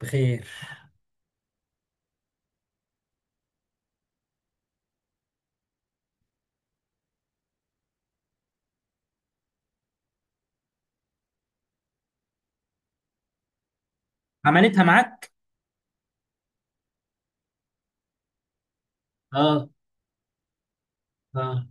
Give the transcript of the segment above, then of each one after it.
بخير. عملتها معاك. اه، اه.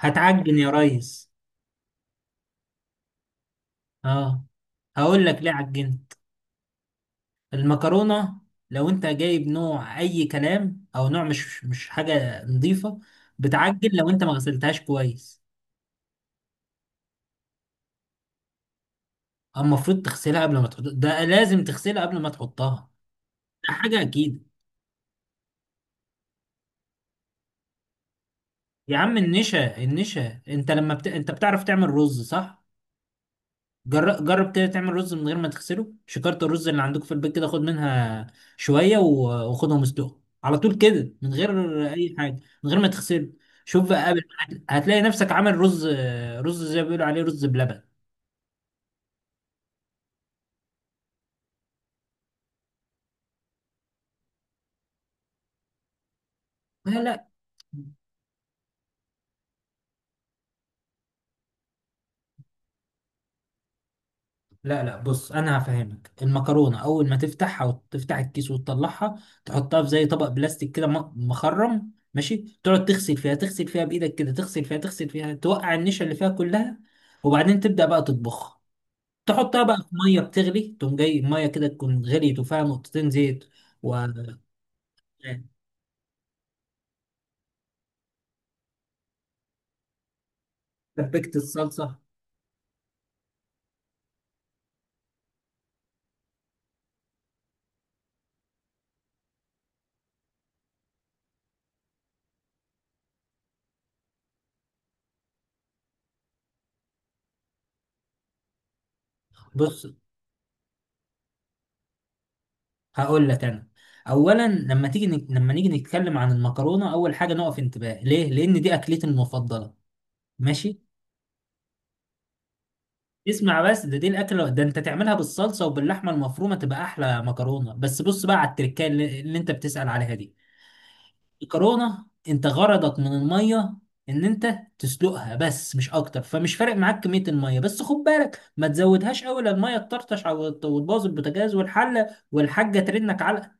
هتعجن يا ريس؟ اه. هقول لك ليه عجنت. المكرونة، لو انت جايب نوع اي كلام او نوع مش حاجة نظيفة بتعجن لو انت ما غسلتهاش كويس. اما المفروض تغسلها قبل ما تحط، ده لازم تغسلها قبل ما تحطها، ده حاجة اكيد. يا عم النشا النشا، انت لما انت بتعرف تعمل رز، صح؟ جرب كده تعمل رز من غير ما تغسله، شكارة الرز اللي عندك في البيت كده خد منها شوية وخدهم اسلقهم على طول كده من غير أي حاجة، من غير ما تغسله. شوف بقى، قابل هتلاقي نفسك عامل رز، رز زي ما بيقولوا عليه رز بلبن. لا لا لا لا، بص أنا هفهمك. المكرونة أول ما تفتحها وتفتح الكيس وتطلعها، تحطها في زي طبق بلاستيك كده مخرم، ماشي، تقعد تغسل فيها، تغسل فيها بإيدك كده، تغسل فيها تغسل فيها، توقع النشا اللي فيها كلها. وبعدين تبدأ بقى تطبخها، تحطها بقى في ميه بتغلي، تقوم جاي الميه كده تكون غليت وفيها نقطتين زيت وسبكت الصلصه. بص هقول لك انا، اولا لما لما نيجي نتكلم عن المكرونه، اول حاجه نقف انتباه ليه، لان دي اكلتي المفضله، ماشي؟ اسمع بس، ده دي الاكله ده انت تعملها بالصلصه وباللحمه المفرومه تبقى احلى مكرونه. بس بص بقى على التركه اللي انت بتسأل عليها دي، الكرونة انت غرضك من المية ان انت تسلقها بس مش اكتر، فمش فارق معاك كمية المية، بس خد بالك ما تزودهاش قوي لا المية تطرطش او وتبوظ البوتاجاز والحلة والحاجة ترنك علقة.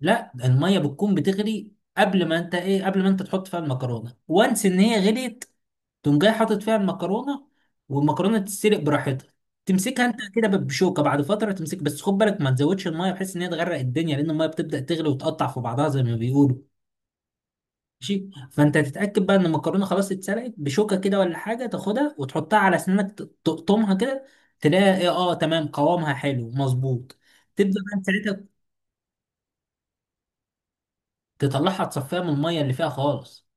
لا المية بتكون بتغلي قبل ما انت ايه، قبل ما انت تحط فيها المكرونة، وانس ان هي غليت تقوم جاي حاطط فيها المكرونة، والمكرونة تتسلق براحتها، تمسكها انت كده بشوكة بعد فترة تمسك. بس خد بالك ما تزودش المية بحيث ان هي تغرق الدنيا، لان المية بتبدأ تغلي وتقطع في بعضها زي ما بيقولوا. ماشي، فانت تتاكد بقى ان المكرونه خلاص اتسلقت بشوكه كده ولا حاجه، تاخدها وتحطها على اسنانك تقطمها كده، تلاقيها ايه، اه تمام قوامها حلو مظبوط. تبدا بقى ساعتها تطلعها، تصفيها من الميه اللي فيها خالص.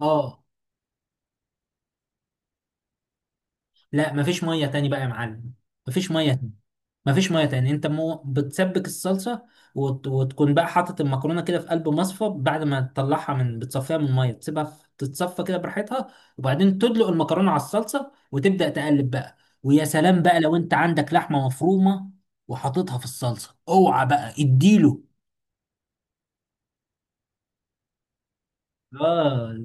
اه. لا مفيش ميه تاني بقى يا معلم، مفيش ميه تاني. مفيش ميه تاني، انت مو بتسبك الصلصه وتكون بقى حاطط المكرونه كده في قلب مصفى بعد ما تطلعها من بتصفيها من الميه، تسيبها تتصفى كده براحتها، وبعدين تدلق المكرونه على الصلصه وتبدا تقلب بقى. ويا سلام بقى لو انت عندك لحمه مفرومه وحاططها في الصلصه، اوعى بقى اديله. اه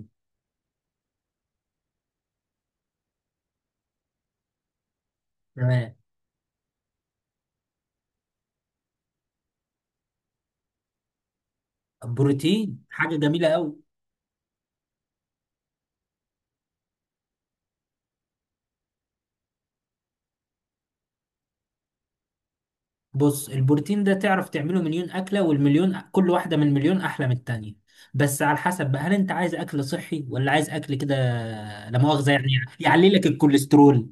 تمام. بروتين حاجه جميله قوي. بص البروتين ده تعرف تعمله مليون أكلة، والمليون كل واحدة من مليون أحلى من التانية. بس على حسب بقى، هل أنت عايز أكل صحي ولا عايز أكل كده، لا مؤاخذة يعني، يعلي لك الكوليسترول.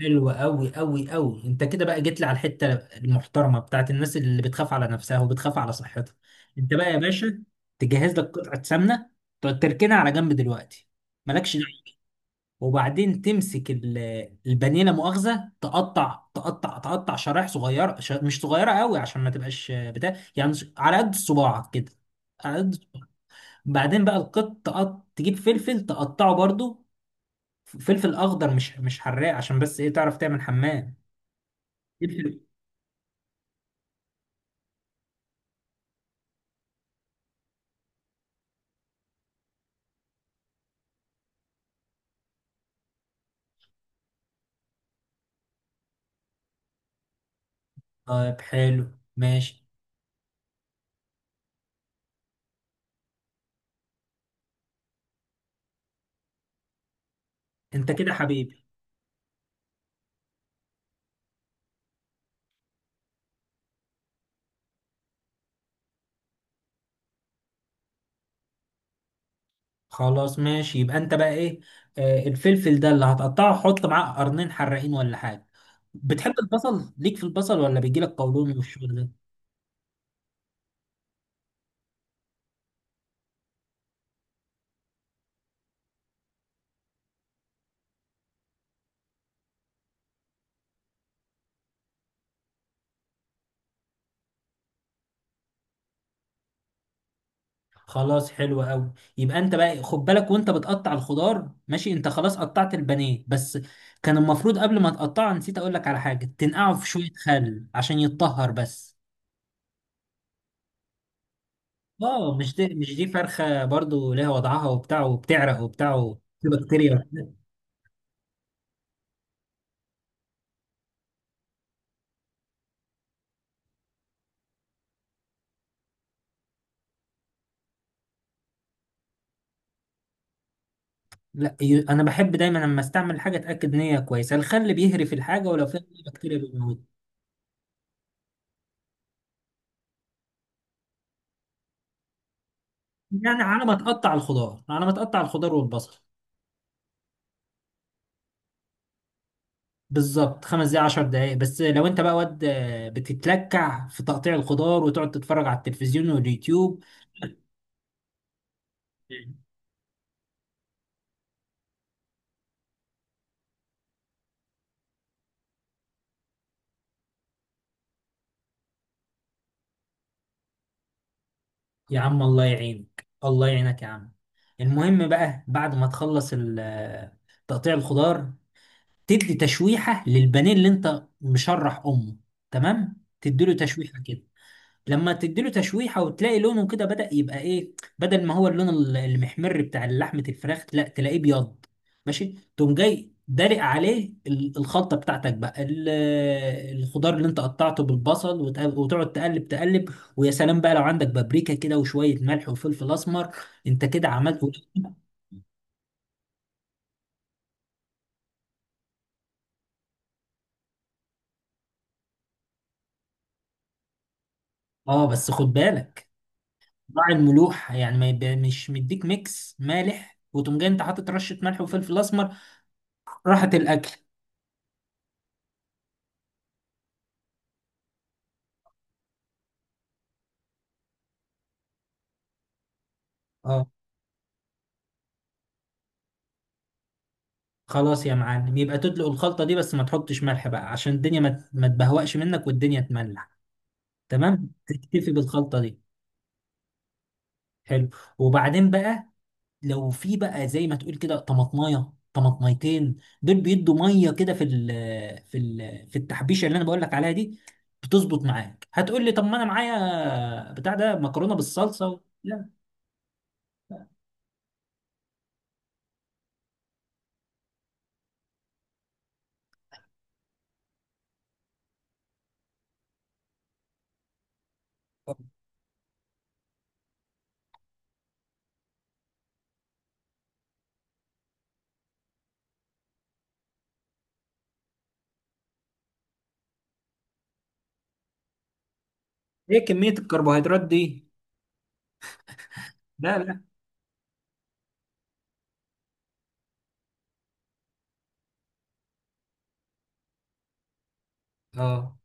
حلو أوي أوي أوي، أنت كده بقى جيت لي على الحتة المحترمة بتاعت الناس اللي بتخاف على نفسها وبتخاف على صحتها. أنت بقى يا باشا تجهز لك قطعة سمنة، تقعد تركنها على جنب دلوقتي، مالكش. وبعدين تمسك البانيه، لا مؤاخذه، تقطع تقطع تقطع شرايح صغيره، مش صغيره قوي عشان ما تبقاش بتاع يعني، على قد صباعك كده، على قد صباعك. بعدين بقى تجيب فلفل تقطعه برضو، فلفل اخضر مش حراق، عشان بس ايه، تعرف تعمل حمام فلفل. طيب حلو، ماشي. انت كده حبيبي. خلاص ماشي، يبقى انت بقى ايه، الفلفل ده اللي هتقطعه حط معاه قرنين حراقين ولا حاجه. بتحب البصل؟ ليك في البصل ولا بيجيلك قولون والشغل ده؟ خلاص حلو قوي. يبقى انت بقى خد بالك وانت بتقطع الخضار، ماشي، انت خلاص قطعت البانيه بس كان المفروض قبل ما تقطعه، نسيت اقول لك على حاجه، تنقعه في شويه خل عشان يتطهر بس. اه مش دي فرخه برضو ليها وضعها وبتاع، وبتعرق وبتاع، وفي بكتيريا. لا انا بحب دايما لما استعمل حاجه اتاكد ان هي كويسه، الخل بيهري الحاجه ولو فيها بكتيريا بيموت. يعني على ما تقطع الخضار، والبصل. بالظبط، خمس دقايق عشر دقايق، بس لو انت بقى واد بتتلكع في تقطيع الخضار وتقعد تتفرج على التلفزيون واليوتيوب، يا عم الله يعينك، الله يعينك يا عم. المهم بقى بعد ما تخلص تقطيع الخضار، تدي تشويحة للبانيه اللي انت مشرح امه، تمام؟ تديله تشويحة كده، لما تديله تشويحه وتلاقي لونه كده بدأ يبقى ايه، بدل ما هو اللون المحمر بتاع لحمه الفراخ، لا تلاقيه ابيض. ماشي، تقوم جاي دلق عليه الخلطه بتاعتك بقى، الخضار اللي انت قطعته بالبصل، وتقعد تقلب تقلب. ويا سلام بقى لو عندك بابريكا كده وشويه ملح وفلفل اسمر، انت كده عملت اه بس خد بالك مع الملوحة، يعني ما يبقى مش مديك ميكس مالح وتقوم جاي انت حاطط رشة ملح وفلفل اسمر، راحت الاكل. اه خلاص يا معلم، يبقى تدلق الخلطة دي بس ما تحطش ملح بقى، عشان الدنيا ما تبهوأش منك والدنيا تملح، تمام؟ تكتفي بالخلطة دي. حلو. وبعدين بقى، لو في بقى زي ما تقول كده طماطمايه طماطميتين، دول بيدوا ميه كده في التحبيشه اللي انا بقول لك عليها دي، بتظبط معاك. هتقول لي طب ما انا معايا بتاع ده مكرونه بالصلصه لا. ايه كميه الكربوهيدرات دي؟ لا، لا. اه.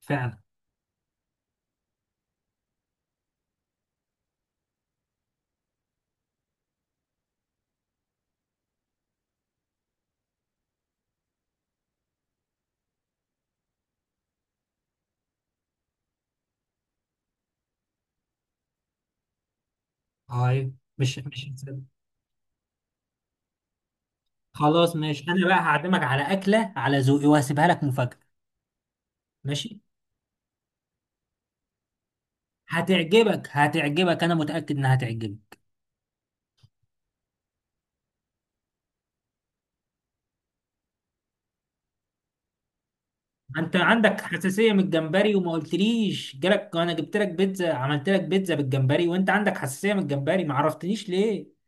فعلا. اه، أيوة. مش خلاص ماشي، انا بقى هعزمك على اكله على ذوقي وهسيبها لك مفاجاه، ماشي؟ هتعجبك، انا متاكد انها هتعجبك. انت عندك حساسيه من الجمبري وما قلتليش، جالك انا جبت لك بيتزا، عملت لك بيتزا بالجمبري وانت عندك حساسيه من الجمبري، ما عرفتنيش ليه؟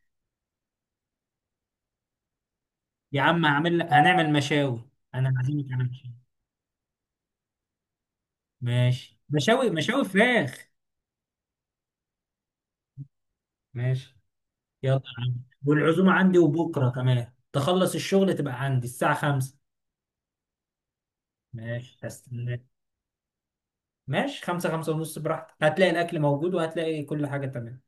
يا عم هعمل لك، هنعمل مشاوي، انا عازمك على مشاوي. ماشي، مشاوي مشاوي فراخ. ماشي يلا يا عم، والعزومه عندي، وبكره كمان تخلص الشغل تبقى عندي الساعه 5. ماشي هستناك. ماشي، خمسة خمسة ونص، براحتك، هتلاقي الأكل موجود وهتلاقي كل حاجة تمام.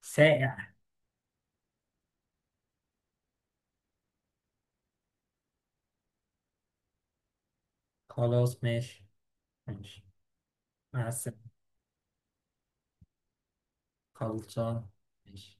سائع. خلاص ماشي. ماشي. مع السلامة. خلصان. ماشي.